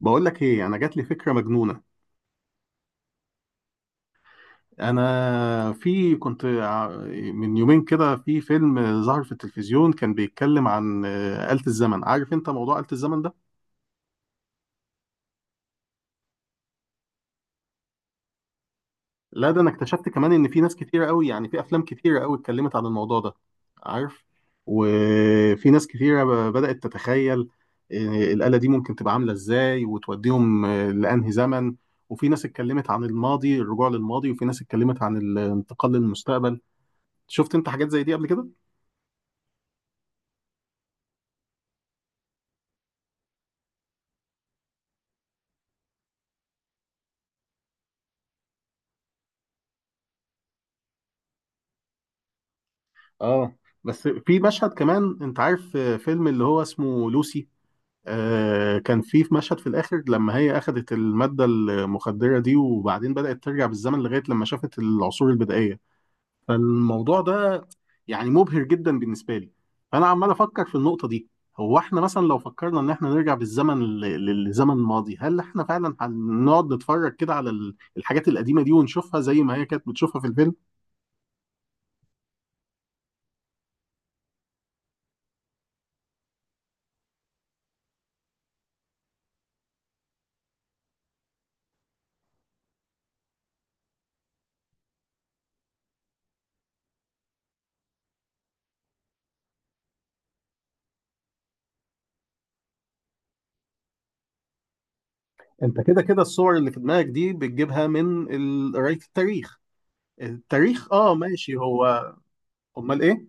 بقول لك ايه، انا جات لي فكره مجنونه. انا في كنت ع- من يومين كده في فيلم ظهر في التلفزيون كان بيتكلم عن آلة الزمن. عارف انت موضوع آلة الزمن ده؟ لا، ده انا اكتشفت كمان ان في ناس كتيره قوي، يعني في افلام كتيره قوي اتكلمت عن الموضوع ده، عارف؟ وفي ناس كتيره بدأت تتخيل الآلة دي ممكن تبقى عامله ازاي وتوديهم لأنهي زمن. وفي ناس اتكلمت عن الماضي، الرجوع للماضي، وفي ناس اتكلمت عن الانتقال للمستقبل. شفت انت حاجات زي دي قبل كده؟ اه. بس في مشهد كمان، انت عارف فيلم اللي هو اسمه لوسي؟ آه، كان في مشهد في الاخر لما هي اخذت المادة المخدرة دي، وبعدين بدأت ترجع بالزمن لغاية لما شافت العصور البدائية. فالموضوع ده يعني مبهر جدا بالنسبة لي، فانا عمال افكر في النقطة دي. هو احنا مثلا لو فكرنا ان احنا نرجع بالزمن للزمن الماضي، هل احنا فعلا هنقعد نتفرج كده على الحاجات القديمة دي ونشوفها زي ما هي كانت بتشوفها في الفيلم؟ انت كده كده الصور اللي في دماغك دي بتجيبها من قراية التاريخ. التاريخ، اه ماشي هو. امال ايه؟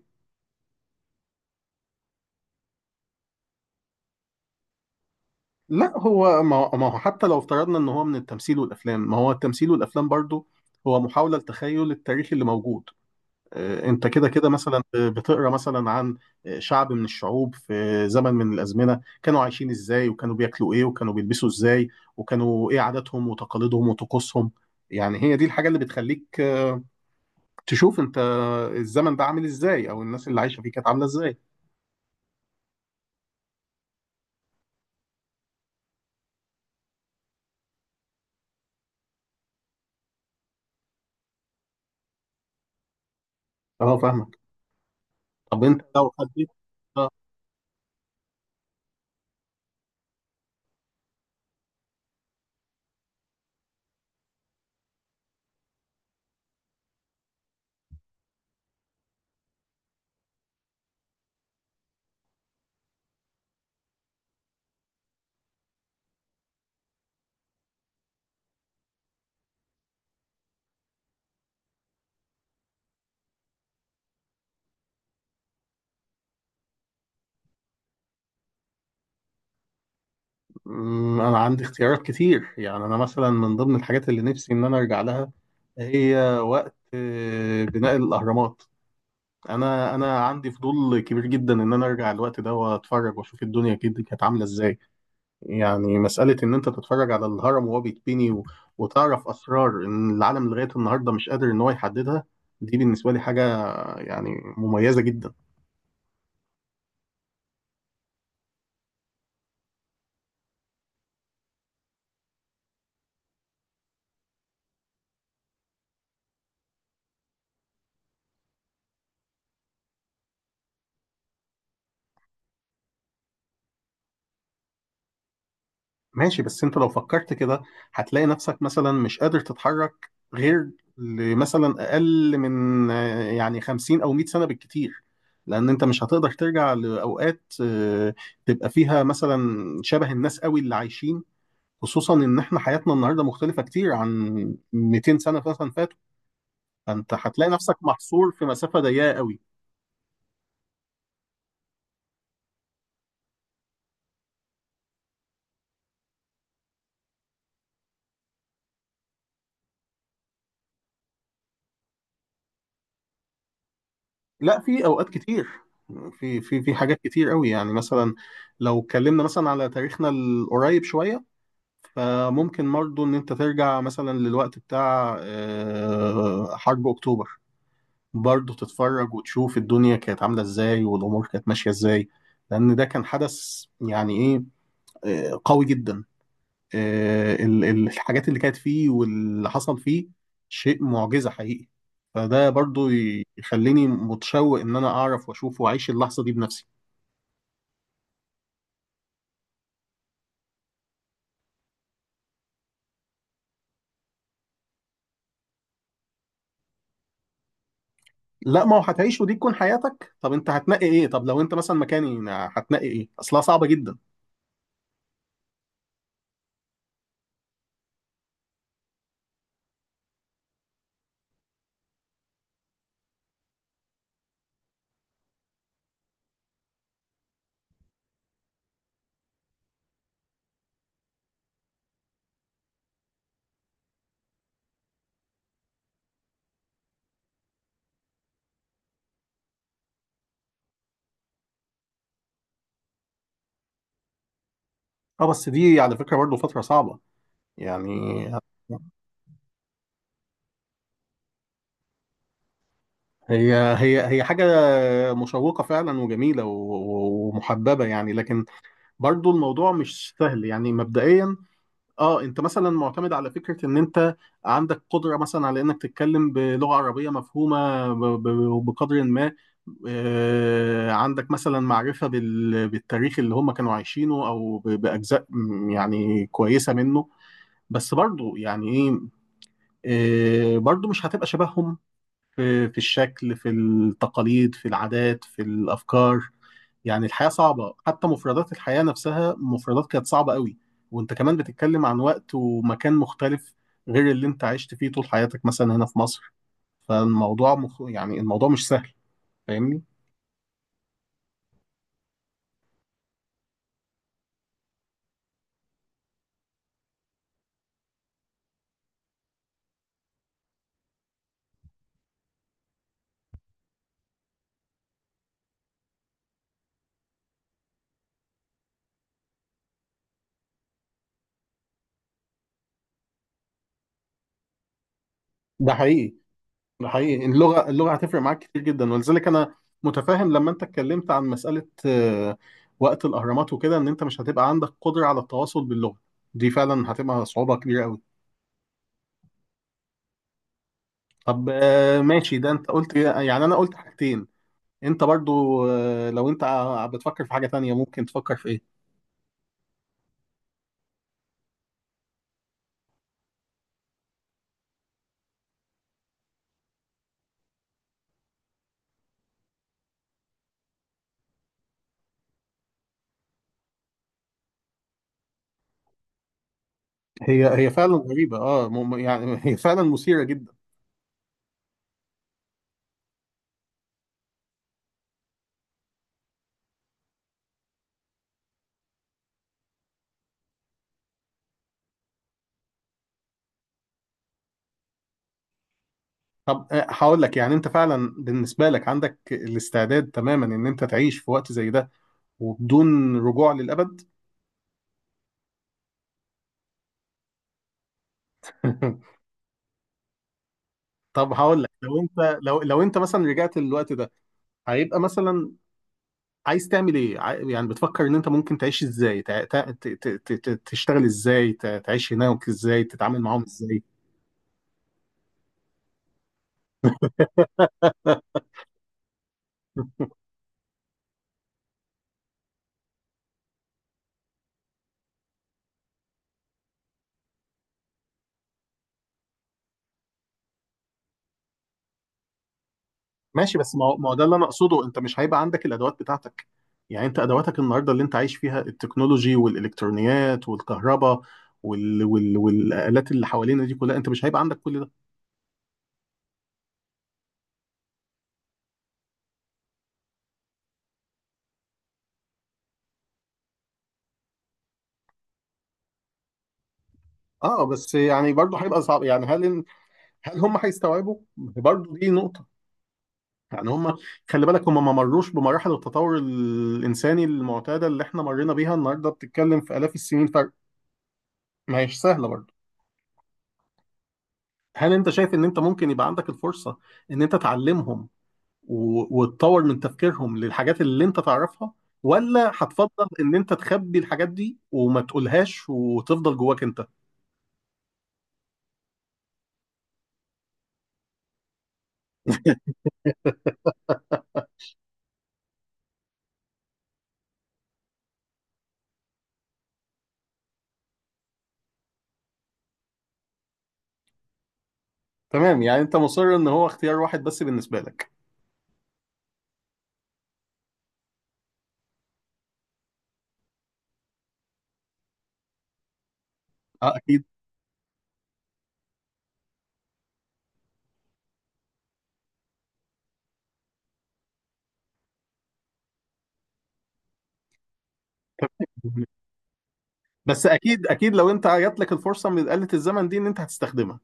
لا، هو ما هو حتى لو افترضنا ان هو من التمثيل والافلام، ما هو التمثيل والافلام برضو هو محاولة لتخيل التاريخ اللي موجود. انت كده كده مثلا بتقرا مثلا عن شعب من الشعوب في زمن من الازمنه، كانوا عايشين ازاي، وكانوا بياكلوا ايه، وكانوا بيلبسوا ازاي، وكانوا ايه عاداتهم وتقاليدهم وطقوسهم. يعني هي دي الحاجه اللي بتخليك تشوف انت الزمن ده عامل ازاي، او الناس اللي عايشه فيه كانت عامله ازاي. اه، فاهمك. طب انت لو حبيت آه، انا عندي اختيارات كتير. يعني انا مثلا من ضمن الحاجات اللي نفسي ان انا ارجع لها هي وقت بناء الاهرامات. انا عندي فضول كبير جدا ان انا ارجع الوقت ده واتفرج واشوف الدنيا كده كانت عامله ازاي. يعني مساله ان انت تتفرج على الهرم وهو بيتبني وتعرف اسرار ان العالم لغايه النهارده مش قادر ان هو يحددها، دي بالنسبه لي حاجه يعني مميزه جدا. ماشي، بس انت لو فكرت كده هتلاقي نفسك مثلا مش قادر تتحرك غير لمثلا اقل من يعني 50 او 100 سنة بالكتير. لان انت مش هتقدر ترجع لاوقات تبقى فيها مثلا شبه الناس قوي اللي عايشين، خصوصا ان احنا حياتنا النهارده مختلفة كتير عن 200 سنة مثلا فاتوا. فانت هتلاقي نفسك محصور في مسافة ضيقة قوي. لا، في اوقات كتير، في في حاجات كتير قوي. يعني مثلا لو اتكلمنا مثلا على تاريخنا القريب شوية، فممكن برضه إن أنت ترجع مثلا للوقت بتاع حرب أكتوبر، برضه تتفرج وتشوف الدنيا كانت عاملة إزاي والأمور كانت ماشية إزاي. لأن ده كان حدث يعني إيه، قوي جدا. الحاجات اللي كانت فيه واللي حصل فيه شيء معجزة حقيقي. فده برضه يخليني متشوق إن أنا أعرف وأشوف وأعيش اللحظة دي بنفسي. لا، ما هو هتعيش ودي تكون حياتك. طب أنت هتنقي إيه؟ طب لو أنت مثلا مكاني هتنقي إيه؟ أصلها صعبة جدا. اه، بس دي على فكرة برضه فترة صعبة، يعني. هي هي حاجة مشوقة فعلا وجميلة ومحببة، يعني. لكن برضو الموضوع مش سهل يعني، مبدئيا. اه، انت مثلا معتمد على فكرة ان انت عندك قدرة مثلا على انك تتكلم بلغة عربية مفهومة بقدر ما عندك مثلا معرفة بالتاريخ اللي هم كانوا عايشينه او بأجزاء يعني كويسة منه. بس برضو يعني ايه، برضو مش هتبقى شبههم في الشكل، في التقاليد، في العادات، في الأفكار. يعني الحياة صعبة، حتى مفردات الحياة نفسها مفردات كانت صعبة قوي. وانت كمان بتتكلم عن وقت ومكان مختلف غير اللي انت عشت فيه طول حياتك مثلا هنا في مصر. يعني الموضوع مش سهل، فاهمني؟ ده حقيقي، ده حقيقي. اللغة هتفرق معاك كتير جدا، ولذلك أنا متفاهم لما أنت اتكلمت عن مسألة وقت الأهرامات وكده إن أنت مش هتبقى عندك قدرة على التواصل باللغة. دي فعلا هتبقى صعوبة كبيرة أوي. طب ماشي، ده أنت قلت يعني أنا قلت حاجتين. أنت برضو لو أنت بتفكر في حاجة تانية، ممكن تفكر في إيه؟ هي فعلا غريبة، أه يعني هي فعلا مثيرة جدا. طب هقول لك، يعني أنت فعلا بالنسبة لك عندك الاستعداد تماما إن أنت تعيش في وقت زي ده وبدون رجوع للأبد؟ طب هقول لك، لو انت لو انت مثلا رجعت للوقت ده، هيبقى مثلا عايز تعمل ايه؟ يعني بتفكر ان انت ممكن تعيش ازاي؟ تشتغل ازاي؟ تعيش هناك ازاي؟ تتعامل معاهم ازاي؟ ماشي، بس ما هو ده اللي انا اقصده. انت مش هيبقى عندك الادوات بتاعتك. يعني انت ادواتك النهارده اللي انت عايش فيها، التكنولوجي والالكترونيات والكهرباء والالات اللي حوالينا دي كلها، انت مش هيبقى عندك كل ده. اه، بس يعني برضه هيبقى صعب. يعني هل هم هيستوعبوا؟ برضه دي نقطة. يعني هم، خلي بالك، هم ما مروش بمراحل التطور الإنساني المعتادة اللي احنا مرينا بيها النهاردة. بتتكلم في آلاف السنين فرق، ما هيش سهلة برضه. هل انت شايف ان انت ممكن يبقى عندك الفرصة ان انت تعلمهم وتطور من تفكيرهم للحاجات اللي انت تعرفها، ولا هتفضل ان انت تخبي الحاجات دي وما تقولهاش وتفضل جواك انت؟ تمام، يعني انت مصر ان هو اختيار واحد بس بالنسبة لك. اه، اكيد. بس اكيد اكيد لو انت جات لك الفرصه من آلة الزمن دي، ان انت هتستخدمها.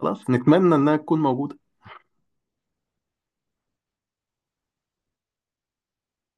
خلاص، نتمنى انها تكون موجوده.